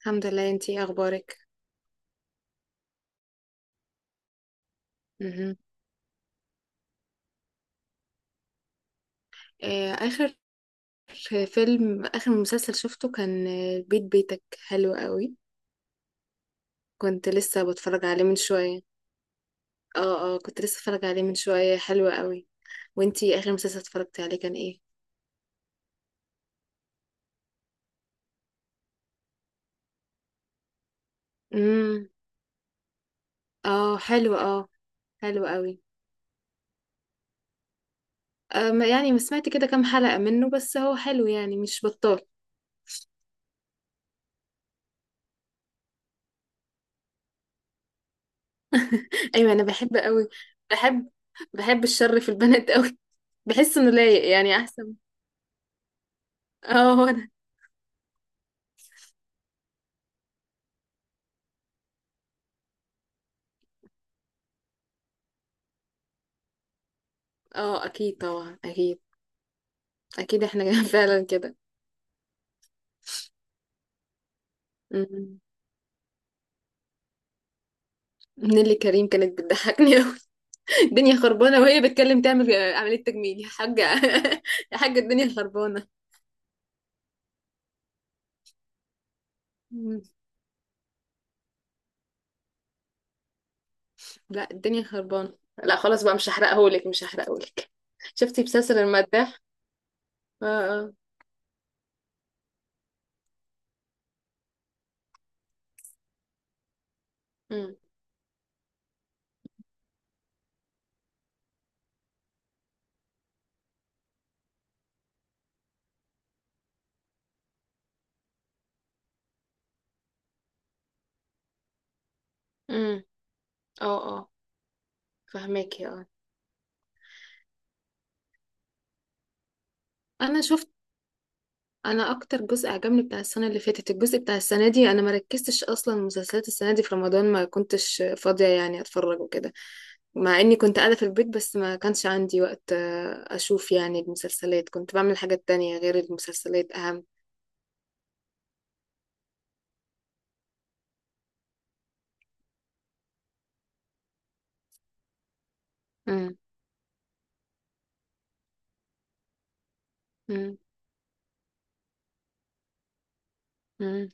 الحمد لله، انتي ايه اخبارك؟ مهم. آه، اخر اخر مسلسل شفته كان بيت بيتك حلو قوي. كنت لسه بتفرج عليه من شوية. اه، اه، كنت لسه بتفرج عليه من شوية، حلو قوي. وانتي اخر مسلسل اتفرجتي عليه كان ايه؟ امم. اه، حلو، اه. حلو قوي. يعني ما سمعت كده كام حلقة منه، بس هو حلو يعني، مش بطال. ايوه، انا بحب قوي. بحب بحب الشر في البنات قوي. بحس انه لايق يعني احسن. اه، هو ده. اه، اكيد طبعا، اكيد. اكيد احنا فعلا كده. مم. نيللي كريم كانت بتضحكني قوي. الدنيا خربانه وهي بتتكلم تعمل عمليه تجميل يا حاجه. يا حاجه، الدنيا خربانه. مم. لا، الدنيا خربانه. لا خلاص بقى، مش هحرقهولك، مش هحرقهولك. شفتي بسلسل المداح؟ اه، اه. امم. امم. اه، اه، فهماكي، اه. انا شفت. انا اكتر جزء عجبني بتاع السنه اللي فاتت. الجزء بتاع السنه دي انا ما ركزتش اصلا. مسلسلات السنه دي في رمضان ما كنتش فاضيه يعني اتفرج وكده. مع اني كنت قاعده في البيت بس ما كانش عندي وقت اشوف يعني المسلسلات. كنت بعمل حاجات تانية غير المسلسلات اهم. مم. مم. مم.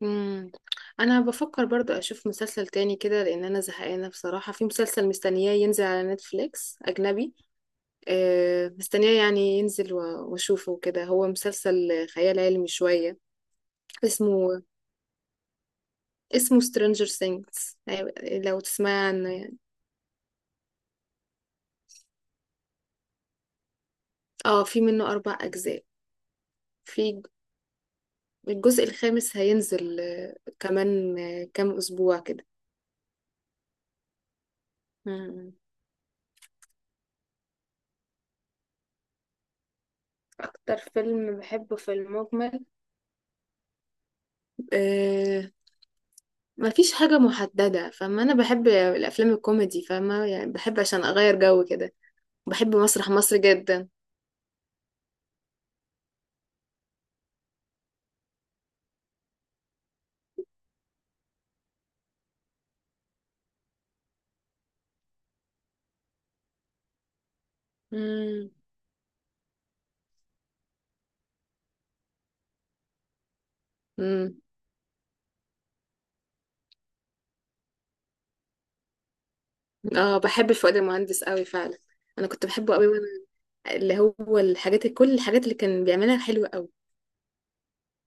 مم. انا بفكر برضو اشوف مسلسل تاني كده، لان انا زهقانه بصراحه. في مسلسل مستنياه ينزل على نتفليكس اجنبي. مستنياه يعني ينزل واشوفه كده. هو مسلسل خيال علمي شويه. اسمه اسمه Stranger Things. أيوة، لو تسمع عنه يعني. اه، في منه 4 أجزاء. في الجزء الخامس هينزل كمان كام أسبوع كده. مم. اكتر فيلم بحبه في المجمل؟ آه مفيش حاجة محددة، فما أنا بحب الأفلام الكوميدي، فما يعني بحب عشان أغير جو كده. بحب مسرح مصر جدا. مم. مم. اه، بحب فؤاد المهندس قوي فعلا. أنا كنت بحبه قوي وأنا اللي هو كل الحاجات اللي كان بيعملها حلوة قوي.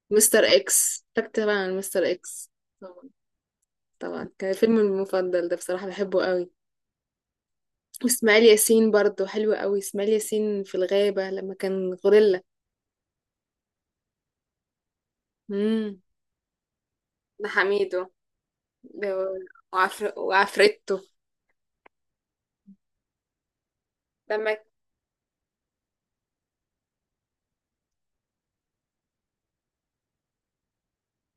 مستر اكس، فاكر طبعا عن مستر اكس. طبعا. طبعا، كان الفيلم المفضل ده بصراحة، بحبه قوي. واسماعيل ياسين برضه حلو قوي، اسماعيل ياسين في الغابة لما كان غوريلا. امم. ده حميدو. ده وعفرته. لما.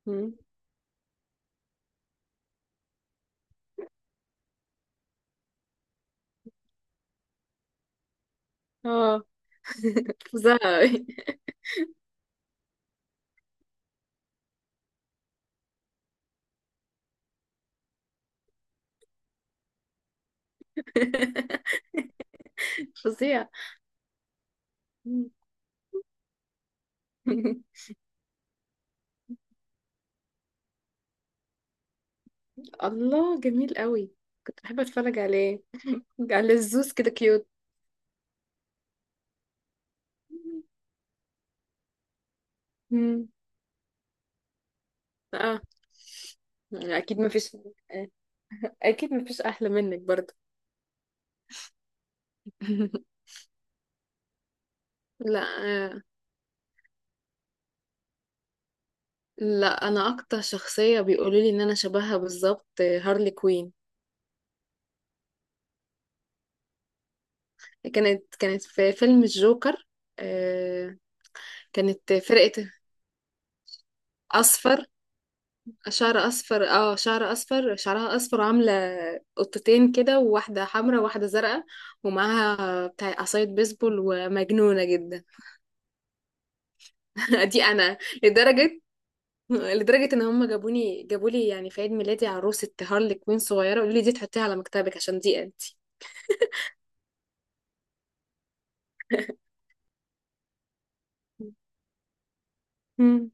مم. اه، فظيع أوي. فظيع. مم. الله جميل قوي. كنت بحب اتفرج عليه على الزوز كده، كيوت. مم. اه يعني، اكيد مفيش احلى منك برضه. لا. آه، لا، انا اكتر شخصيه بيقولوا لي ان انا شبهها بالظبط هارلي كوين. كانت في فيلم الجوكر. آه، كانت فرقه. اصفر. شعر اصفر شعر اصفر شعرها اصفر وعامله قطتين كده، وواحده حمراء وواحده زرقاء. ومعاها بتاع عصايه بيسبول، ومجنونه جدا. دي انا. لدرجه لدرجة ان هم جابولي يعني، في عيد ميلادي، عروسة هارلي كوين صغيرة، قالوا لي دي تحطيها على مكتبك عشان دي انتي. مم.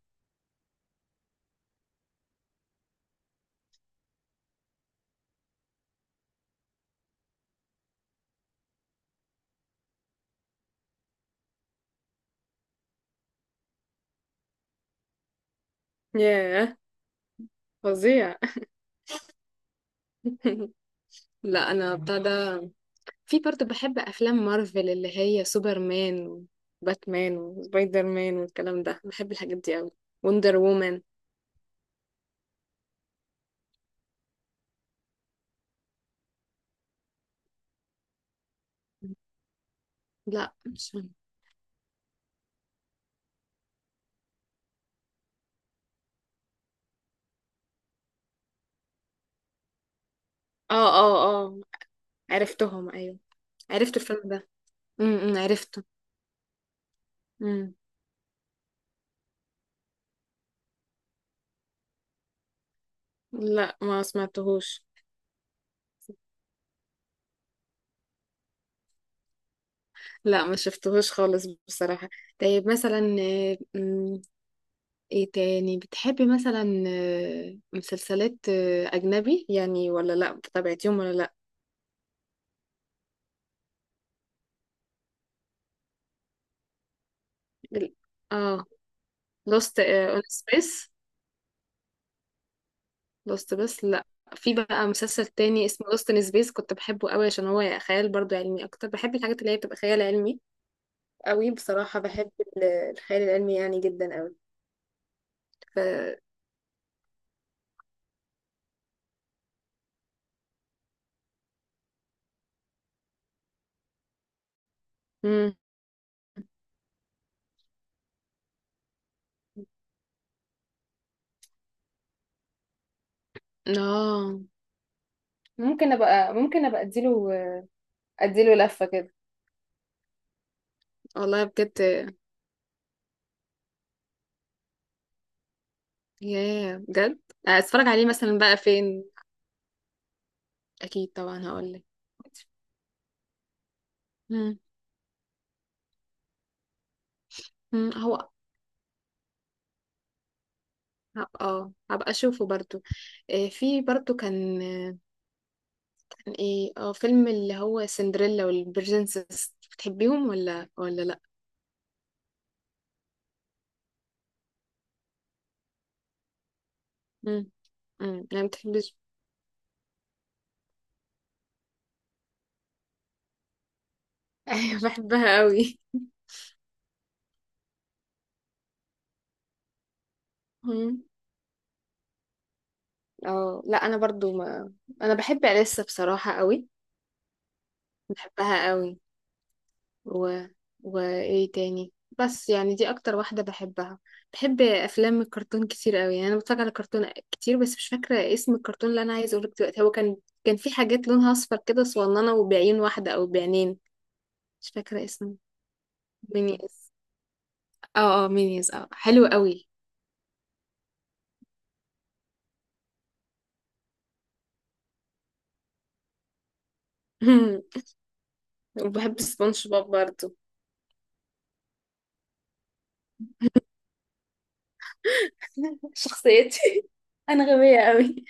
ياه، فظيع. لا انا بتاع ده. في برضه بحب افلام مارفل اللي هي سوبرمان وباتمان وسبايدر مان والكلام ده، بحب الحاجات دي قوي. وندر وومن. لا، مش فاهمة. اه، اه، اه، عرفتهم، ايوه. عرفت الفيلم ده. امم، عرفته. امم. لا، ما سمعتهوش. لا ما شفتهوش خالص بصراحة. طيب مثلا ايه تاني بتحبي مثلا؟ مسلسلات أجنبي يعني، ولا لا؟ بتابعتيهم ولا لا؟ ال- اه. لوست اون سبيس؟ لوست بس، لا. في بقى مسلسل تاني اسمه لوست ان سبيس، كنت بحبه قوي عشان هو خيال برضو علمي. اكتر بحب الحاجات اللي هي بتبقى خيال علمي قوي بصراحة. بحب ال- الخيال العلمي يعني، جدا قوي. ف مم. اه، ممكن ابقى اديله لفة كده. والله بجد. ياه بجد. اتفرج عليه مثلا بقى فين؟ اكيد طبعا، هقول لك. مم. مم. هو هبقى اشوفه برضو. في برضو كان كان ايه؟ اه فيلم اللي هو سندريلا والبرنسس، بتحبيهم ولا، لا؟ مم. مم. انا ما بتحبش. ايوه، بحبها قوي. مم. اه، لا، انا برضو ما. انا بحب اليسا بصراحة قوي. بحبها قوي. و... وايه تاني. بس يعني دي اكتر واحدة بحبها. بحب افلام الكرتون كتير قوي يعني، انا بتفرج على كرتون كتير. بس مش فاكرة اسم الكرتون اللي انا عايزة اقولك دلوقتي. هو كان في حاجات لونها اصفر كده، صغننة، وبعين واحدة او بعينين. مش فاكرة اسمه. مينيز. اه، اه، مينيز، اه، حلو قوي. وبحب سبونج بوب برضه. شخصيتي، انا غبية قوي.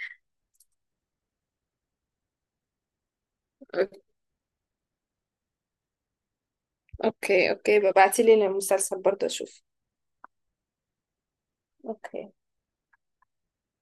اوكي، اوكي، ببعتيلي المسلسل برضه اشوف. اوكي.